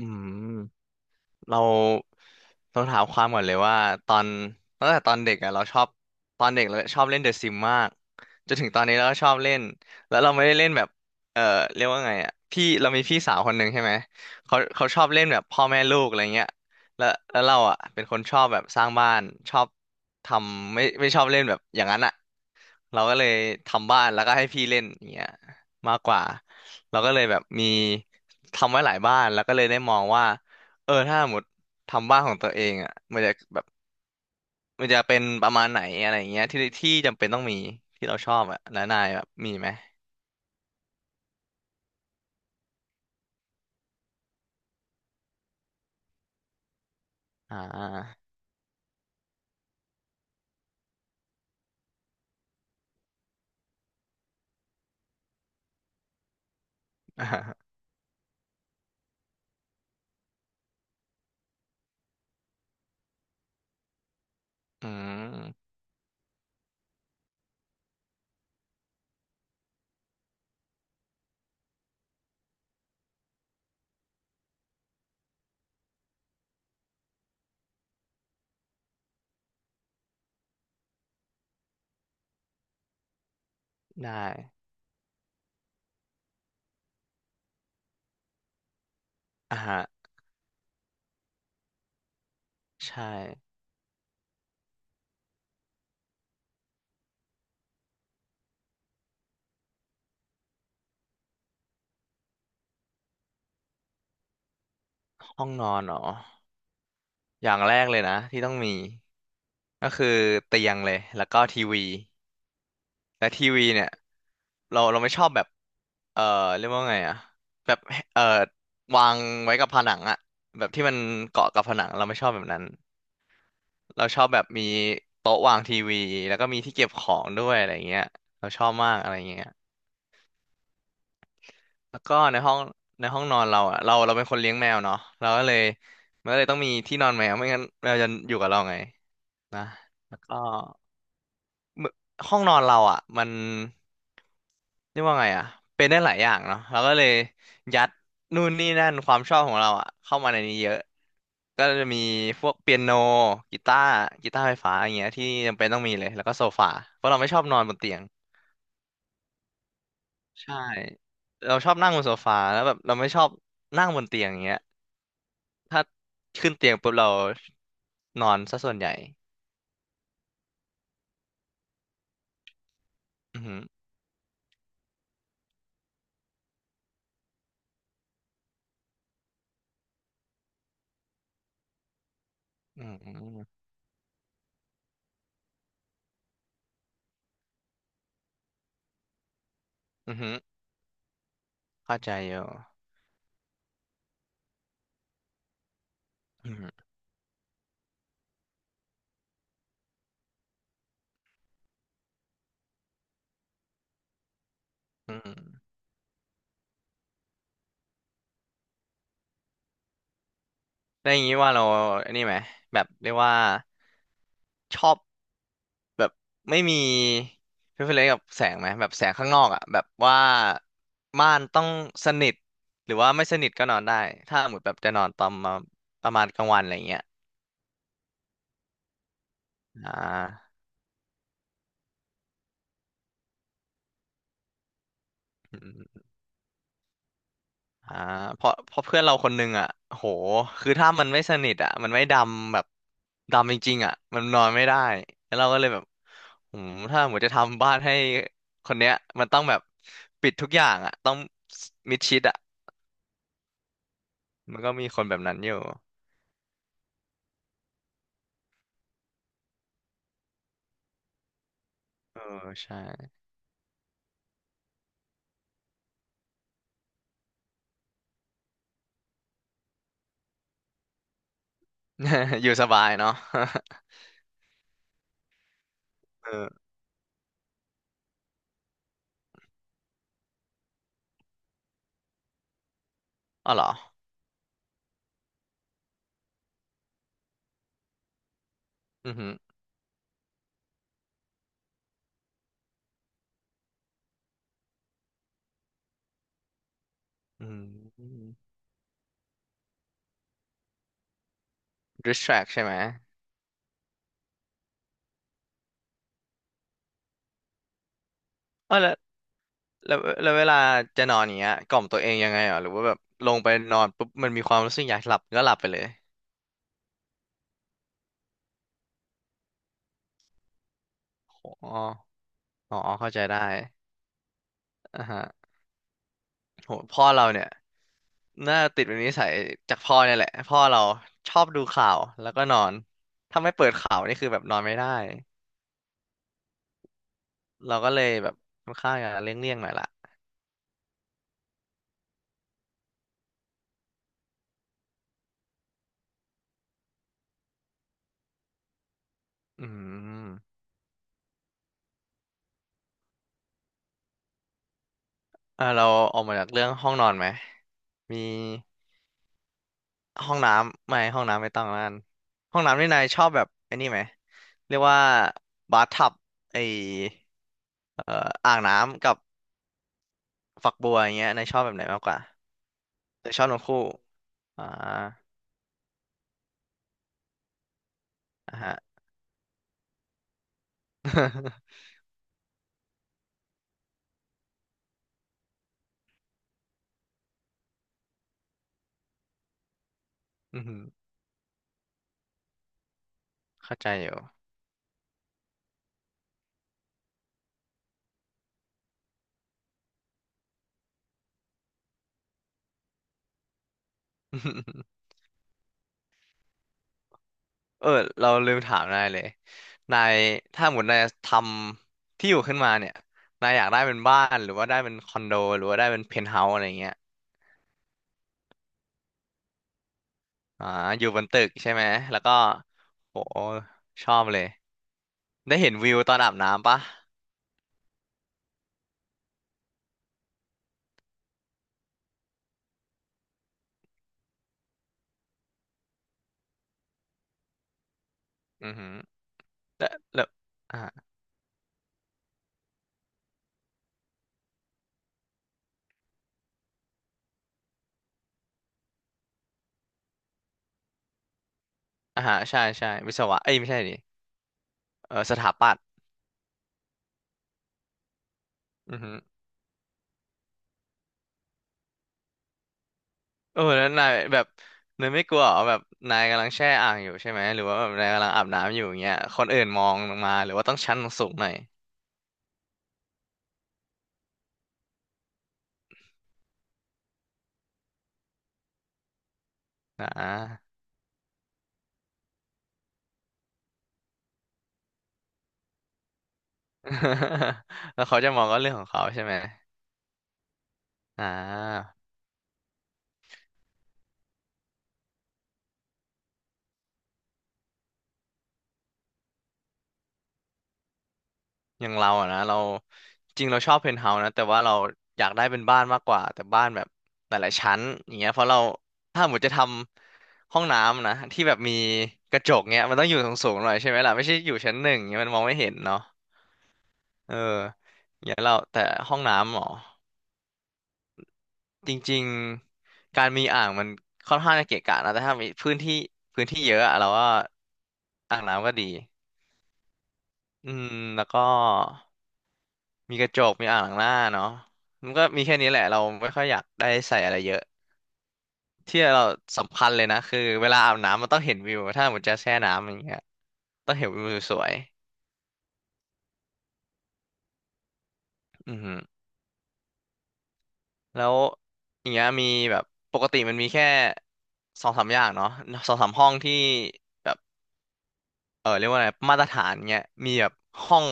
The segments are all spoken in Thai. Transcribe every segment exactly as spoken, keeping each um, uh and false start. อืมเราต้องถามความก่อนเลยว่าตอนตั้งแต่ตอนเด็กอ่ะเราชอบตอนเด็กเราชอบเล่นเดอะซิมมากจนถึงตอนนี้เราก็ชอบเล่นแล้วเราไม่ได้เล่นแบบเออเรียกว่าไงอ่ะพี่เรามีพี่สาวคนหนึ่งใช่ไหมเขาเขาชอบเล่นแบบพ่อแม่ลูกอะไรเงี้ยแล้วแล้วเราอ่ะเป็นคนชอบแบบสร้างบ้านชอบทำไม่ไม่ชอบเล่นแบบอย่างนั้นอ่ะ เราก็เลยทำบ้านแล้วก็ให้พี่เล่นอย่างเงี้ยมากกว่าเราก็เลยแบบมีทำไว้หลายบ้านแล้วก็เลยได้มองว่าเออถ้าสมมติทำบ้านของตัวเองอ่ะมันจะแบบมันจะเป็นประมาณไหนอะไรอย่างเงี้ยที่ที่จำเป็นต้องมีที่เราชอบอ่ะแล้วนายแบบมีไหมอ่า อืมได้อ่าฮะ ใช่ห้องนอนเหรออย่างแรกเลยนะที่ต้องมีก็คือเตียงเลยแล้วก็ทีวีและทีวีเนี่ย เราเราไม่ชอบแบบเอ่อเรียกว่าไงอะแบบเอ่อวางไว้กับผนังอะแบบที่มันเกาะกับผนังเราไม่ชอบแบบนั้นเราชอบแบบมีโต๊ะวางทีวีแล้วก็มีที่เก็บของด้วยอะไรเงี้ยเราชอบมากอะไรเงี้ยแล้วก็ในห้องในห้องนอนเราอะเราเราเป็นคนเลี้ยงแมวเนาะเราก็เลยมันก็เลยต้องมีที่นอนแมวไม่งั้นแมวจะอยู่กับเราไงนะแล้วก็ ห้องนอนเราอ่ะมันเรียกว่าไงอ่ะเป็นได้หลายอย่างเนาะเราก็เลยยัดนู่นนี่นั่นความชอบของเราอ่ะเข้ามาในนี้เยอะก็จะมีพวกเปียโนกีตาร์กีตาร์ไฟฟ้าอย่างเงี้ยที่จำเป็นต้องมีเลยแล้วก็โซฟาเพราะเราไม่ชอบนอนบนเตียงใช่เราชอบนั่งบนโซฟาแล้วแบบเราไม่ชอบนั่งบนเตียงอย่างเงี้ยถ้าขึ้นเตียงปุ๊บเรานอนซะส่วนใหญ่อือหืออือหืออือหือเข้าใจอยู่อือหืออือหือ ได้วอย่างงี้ว่าเราไอันนี้ไหมแบบเรียกว่าชอบแบบไม่มีเพอเฟกกับแสงไหมแบบแสงข้างนอกอ่ะแบบว่าม่านต้องสนิทหรือว่าไม่สนิทก็นอนได้ถ้าหมดแบบจะนอนตอนมาประมาณกลางวันอะไรเงี้ยอ่า อ่าเพราะเพราะเพื่อนเราคนหนึงอ่ะโหคือถ้ามันไม่สนิทอ่ะมันไม่ดำแบบดำจริงๆอ่ะมันนอนไม่ได้แล้วเราก็เลยแบบหืมถ้าหมดจะทำบ้านให้คนเนี้ยมันต้องแบบปิดทุกอย่างอ่ะต้องมิดชิดอ่ะมันก็มีคนแบบนั้นอยู่เออใช่ อยู่สบายเนาะ เอออ๋อเหรออือหืออืม distract ใช่ไหมเออแล้ว แล้วแล้วเวลาจะนอนอย่างเงี้ยกล่อมตัวเองยังไงอ่ะหรือว่าแบบลงไปนอนปุ๊บมันมีความรู้สึกอยากหลับก็หลับไปเลยอ๋ออ๋อเข้าใจได้อ่าฮะโหพ่อเราเนี่ยน่าติดเป็นนิสัยจากพ่อเนี่ยแหละพ่อเราชอบดูข่าวแล้วก็นอนถ้าไม่เปิดข่าวนี่คือแบบนอนไม่ได้เราก็เลยแบบค่อนข้างจะเลี่ยงๆหน่อยละอืมอ่าเราออกมาจากเรื่องห้องนอนไหมมี ห้องน้ำไม่ห้องน้ำไม่ต้องแล้วกันห้องน้ำนี่นายชอบแบบไอ้นี่ไหมเรียกว่าบาร์ทับไอเอ่ออ่างน้ำกับฝักบัวอย่างเงี้ยนายชอบแบบไหนมากกว่าหรือชอบทั้งคู่อ่าอ่ะฮะ อือหือเข้าใจอยู่ เออเราลืมถามนายเลยนายถ้าหมดนายทำที่อยู่ขึ้นมาเนี่ยนายอยากได้เป็นบ้านหรือว่าได้เป็นคอนโดหรือว่าได้เป็นเพนท์เฮาส์อะไรเงี้ยอ่าอยู่บนตึกใช่ไหมแล้วก็โหชอบเลย ได้เห็นวิวตอนอาบน้ำปะอือหือแล้วแล้วอ่าอ่าฮะใช่ใช่วิศวะเอ้ยไม่ใช่ดิเออสถาปัตย์อือหือเออแล้วนายแบบนายไม่กลัวเหรอแบบนายกำลังแช่อ่างอยู่ใช่ไหม หรือว่าแบบนายกำลังอาบน้ำอยู่อย่างเงี้ยคนอื่นมองลงมา หรือว่าต้องชั้นสูงหน่อยอ่า แล้วเขาจะมองก็เรื่องของเขาใช่ไหมอ่า อย่างเราอะนะเราจริงเราชอบเพนท์เฮาส์นะแต่ว่าเราอยากได้เป็นบ้านมากกว่าแต่บ้านแบบหลายๆชั้นอย่างเงี้ยเพราะเราถ้าหมดจะทำห้องน้ำนะที่แบบมีกระจกเงี้ยมันต้องอยู่สูงๆหน่อยใช่ไหมล่ะไม่ใช่อยู่ชั้นหนึ่งเงี้ยมันมองไม่เห็นเนาะเอออย่างเงี้ยเราแต่ห้องน้ำหรอจริงๆการมีอ่างมันค่อนข้างจะเกะกะนะแต่ถ้ามีพื้นที่พื้นที่เยอะอะเราว่าอ่างน้ำก็ดีอืมแล้วก็ มีกระจกมีอ่างล้างหน้าเนาะมันก็มีแค่นี้แหละเราไม่ค่อยอยากได้ใส่อะไรเยอะที่เราสำคัญเลยนะคือเวลาอาบน้ำมันต้องเห็นวิวถ้าหมดจะแช่น้ำอย่างเงี้ยต้องเห็นวิวสวยๆอือหือแล้วอย่างเงี้ยมีแบบปกติมันมีแค่สองสามอย่างเนาะสองสามห้องที่แบบเออเรียกว่าอะไรมาตรฐานเงี้ยมีแบบห้อง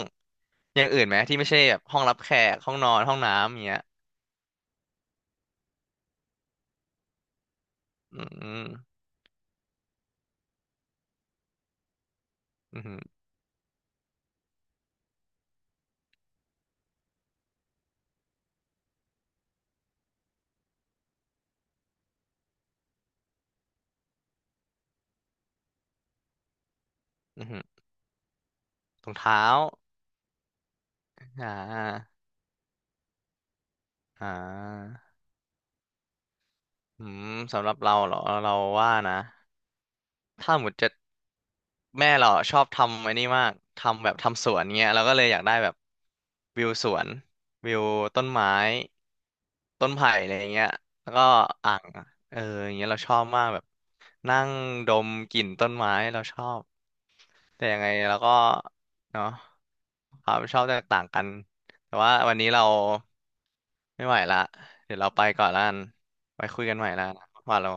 อย่างอื่นไหมที่ไม่ใช่แบบห้องรับแขกห้องนอนห้องน้ำอย่างเงี้ยอืมอือหืออือหือถุงเท้าอ่าอ่า อืมสำหรับเราเหรอเราว่านะถ้าหมดจะแม่เราอะชอบทำไอ้นี่มากทำแบบทำสวนเงี้ยเราก็เลยอยากได้แบบวิวสวนวิวต้นไม้ต้นไผ่อะไรเงี้ยแล้วก็อ่างเอออย่างเงี้ยเราชอบมากแบบนั่งดมกลิ่นต้นไม้เราชอบแต่ยังไงเราก็เนาะความชอบแตกต่างกันแต่ว่าวันนี้เราไม่ไหวละเดี๋ยวเราไปก่อนละกันไว้คุยกันใหม่ละนะว่าเรา